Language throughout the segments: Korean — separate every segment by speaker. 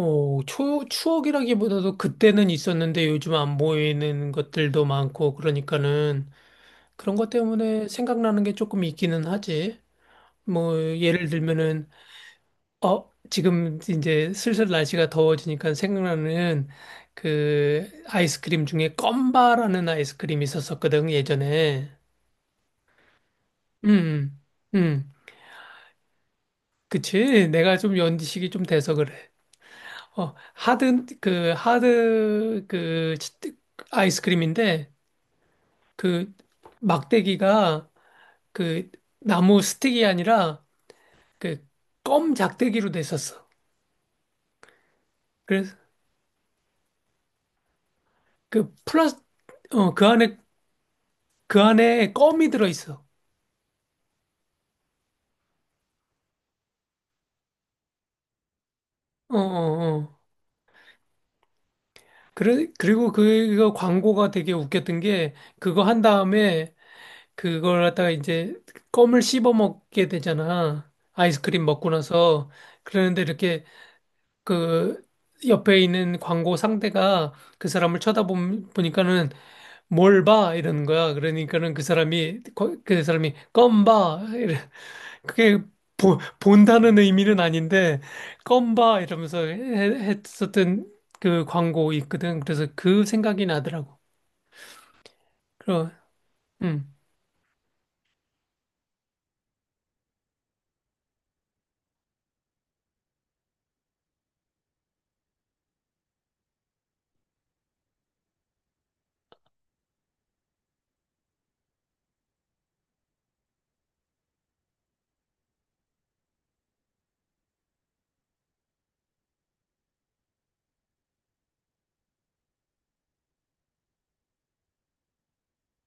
Speaker 1: 추억이라기보다도 그때는 있었는데 요즘 안 보이는 것들도 많고 그러니까는 그런 것 때문에 생각나는 게 조금 있기는 하지. 뭐 예를 들면은 지금 이제 슬슬 날씨가 더워지니까 생각나는 그 아이스크림 중에 껌바라는 아이스크림이 있었었거든 예전에. 음. 음. 음. 그치? 내가 좀 연식이 좀 돼서 그래. 하드 그 아이스크림인데 그 막대기가 그 나무 스틱이 아니라 그 껌 작대기로 됐었어. 그래서 그 플라스 어 그 안에 그 안에 껌이 들어있어. 어 어, 어. 그래 그리고 그거 광고가 되게 웃겼던 게 그거 한 다음에 그걸 갖다가 이제 껌을 씹어 먹게 되잖아. 아이스크림 먹고 나서 그러는데 이렇게 그 옆에 있는 광고 상대가 그 사람을 쳐다보니까는 뭘 봐? 이러는 거야. 그러니까는 그 사람이, 껌 봐. 이래. 그게 본다는 의미는 아닌데, 껌 봐. 이러면서 했었던 그 광고 있거든. 그래서 그 생각이 나더라고. 그럼. 음,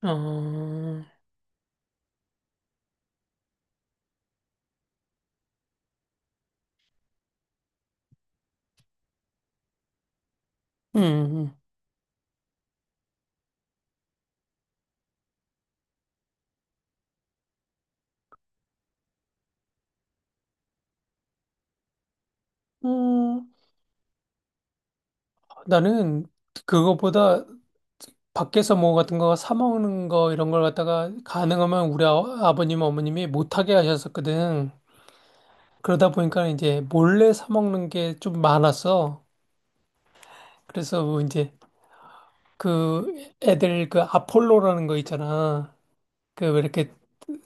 Speaker 1: 어, 음, 음, 나는 그거보다 밖에서 뭐 같은 거 사 먹는 거 이런 걸 갖다가 가능하면 우리 아버님, 어머님이 못하게 하셨었거든. 그러다 보니까 이제 몰래 사 먹는 게 좀 많았어. 그래서 뭐 이제 그 애들 그 아폴로라는 거 있잖아. 그 왜 이렇게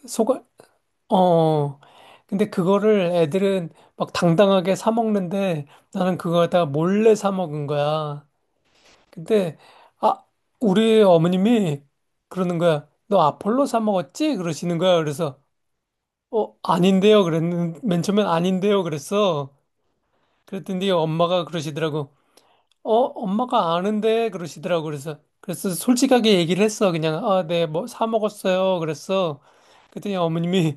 Speaker 1: 속아 어. 근데 그거를 애들은 막 당당하게 사 먹는데 나는 그걸 다 몰래 사 먹은 거야. 근데 아, 우리 어머님이 그러는 거야. 너 아폴로 사 먹었지? 그러시는 거야. 그래서 아닌데요. 그랬는 맨 처음엔 아닌데요. 그랬어. 그랬더니 엄마가 그러시더라고. 엄마가 아는데 그러시더라고. 그래서 솔직하게 얘기를 했어. 그냥 아, 네, 뭐 사 먹었어요. 그랬어. 그랬더니 어머님이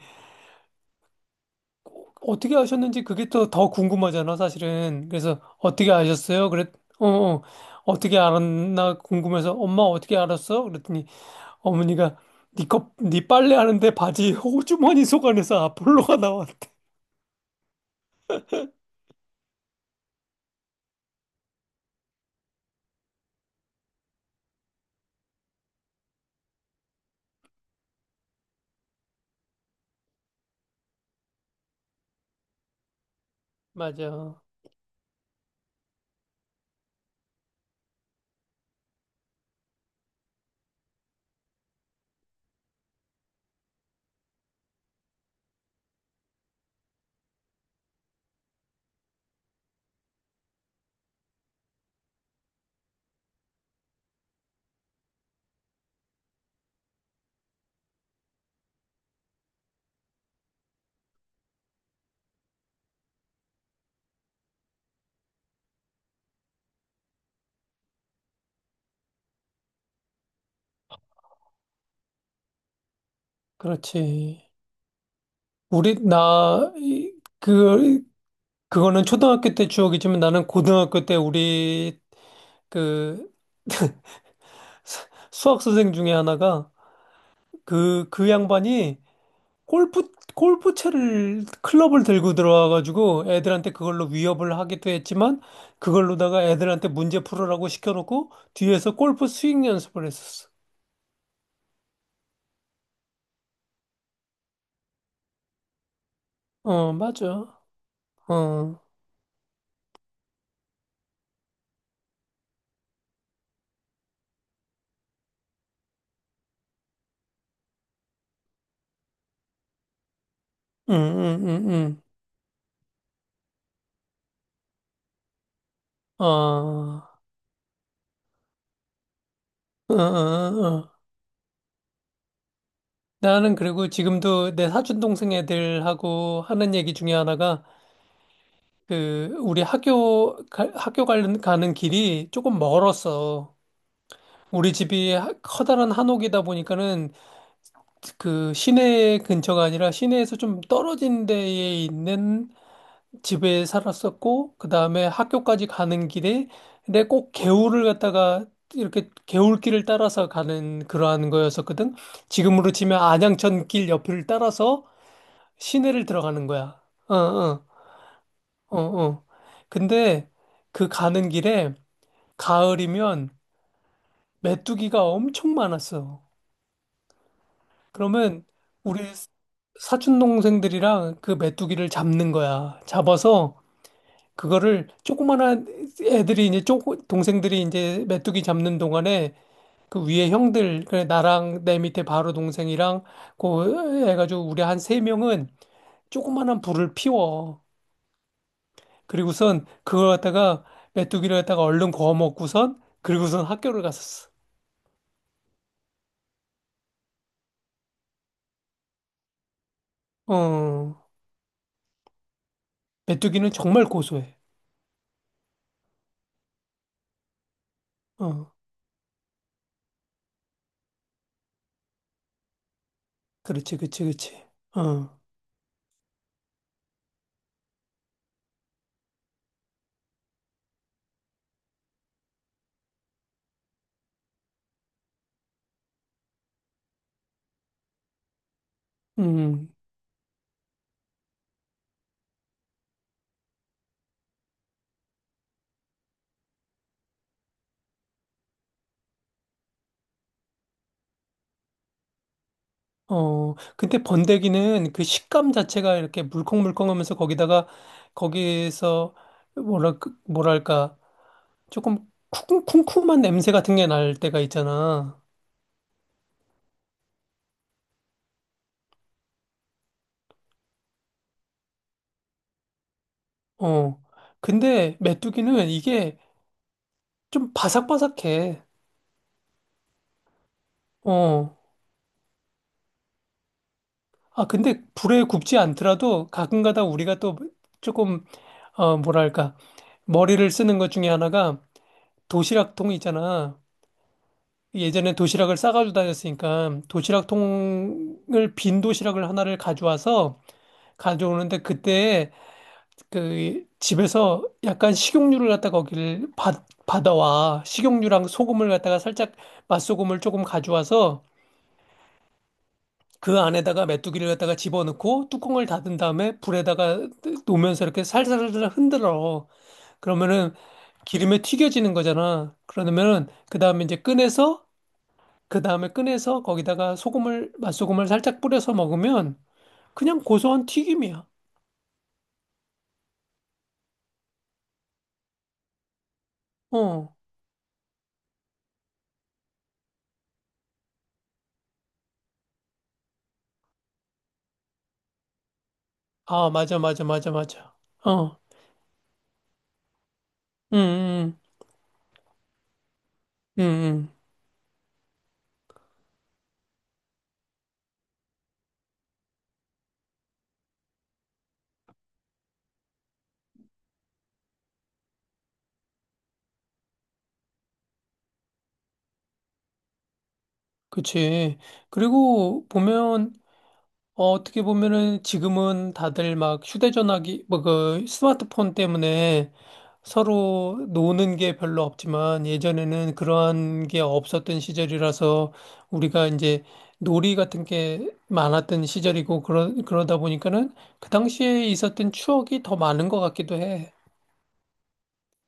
Speaker 1: 어떻게 아셨는지 그게 또 더 궁금하잖아, 사실은. 그래서 어떻게 아셨어요? 그랬 어, 어. 어떻게 알았나 궁금해서 엄마 어떻게 알았어? 그랬더니 어머니가 네 빨래 하는데 바지 호주머니 속 안에서 아폴로가 나왔대. 맞아. 그렇지. 우리, 나, 이- 그, 그거는 초등학교 때 추억이지만 나는 고등학교 때 우리 그 수학 선생 중에 하나가 그 양반이 골프채를, 클럽을 들고 들어와가지고 애들한테 그걸로 위협을 하기도 했지만 그걸로다가 애들한테 문제 풀으라고 시켜놓고 뒤에서 골프 스윙 연습을 했었어. 어, 맞아. 어, 응, 응, 응, 응. 어, 응, 응, 응. 응. 나는 그리고 지금도 내 사촌 동생 애들하고 하는 얘기 중에 하나가 그 우리 학교 가는 길이 조금 멀었어. 우리 집이 커다란 한옥이다 보니까는 그 시내 근처가 아니라 시내에서 좀 떨어진 데에 있는 집에 살았었고 그다음에 학교까지 가는 길에 근데 꼭 개울을 갖다가 이렇게 개울길을 따라서 가는 그러한 거였었거든. 지금으로 치면 안양천 길 옆을 따라서 시내를 들어가는 거야. 어, 어, 어, 어. 근데 그 가는 길에 가을이면 메뚜기가 엄청 많았어. 그러면 우리 사촌 동생들이랑 그 메뚜기를 잡는 거야. 잡아서 그거를 조그만한 애들이 이제 쪼 동생들이 이제 메뚜기 잡는 동안에 그 위에 형들 그래 나랑 내 밑에 바로 동생이랑 그 해가지고 우리 한 세 명은 조그만한 불을 피워. 그리고선 그걸 갖다가 메뚜기를 갖다가 얼른 구워 먹고선 그리고선 학교를 갔었어. 어, 메뚜기는 정말 고소해. 어, 그렇지, 그렇지, 그렇지. 어, 음, 근데 번데기는 그 식감 자체가 이렇게 물컹물컹하면서 거기다가 거기에서 뭐랄 뭐랄까 조금 쿰쿰한 냄새 같은 게 날 때가 있잖아. 어, 근데 메뚜기는 이게 좀 바삭바삭해. 어, 아 근데 불에 굽지 않더라도 가끔가다 우리가 또 조금 뭐랄까 머리를 쓰는 것 중에 하나가 도시락통 있잖아. 예전에 도시락을 싸가지고 다녔으니까 도시락 통을 빈 도시락을 하나를 가져와서 가져오는데 그때 그 집에서 약간 식용유를 갖다가 거기를 받아와 식용유랑 소금을 갖다가 살짝 맛소금을 조금 가져와서 그 안에다가 메뚜기를 갖다가 집어넣고 뚜껑을 닫은 다음에 불에다가 놓으면서 이렇게 살살살 흔들어 그러면은 기름에 튀겨지는 거잖아 그러면은 그 다음에 이제 꺼내서 그 다음에 꺼내서 거기다가 맛소금을 살짝 뿌려서 먹으면 그냥 고소한 튀김이야. 어. 아, 맞아, 맞아, 맞아, 맞아. 어. 음, 음, 음, 음. 그치. 그리고 보면 어떻게 보면은 지금은 다들 막 휴대전화기, 뭐 그 스마트폰 때문에 서로 노는 게 별로 없지만 예전에는 그러한 게 없었던 시절이라서 우리가 이제 놀이 같은 게 많았던 시절이고 그러다 보니까는 그 당시에 있었던 추억이 더 많은 것 같기도 해.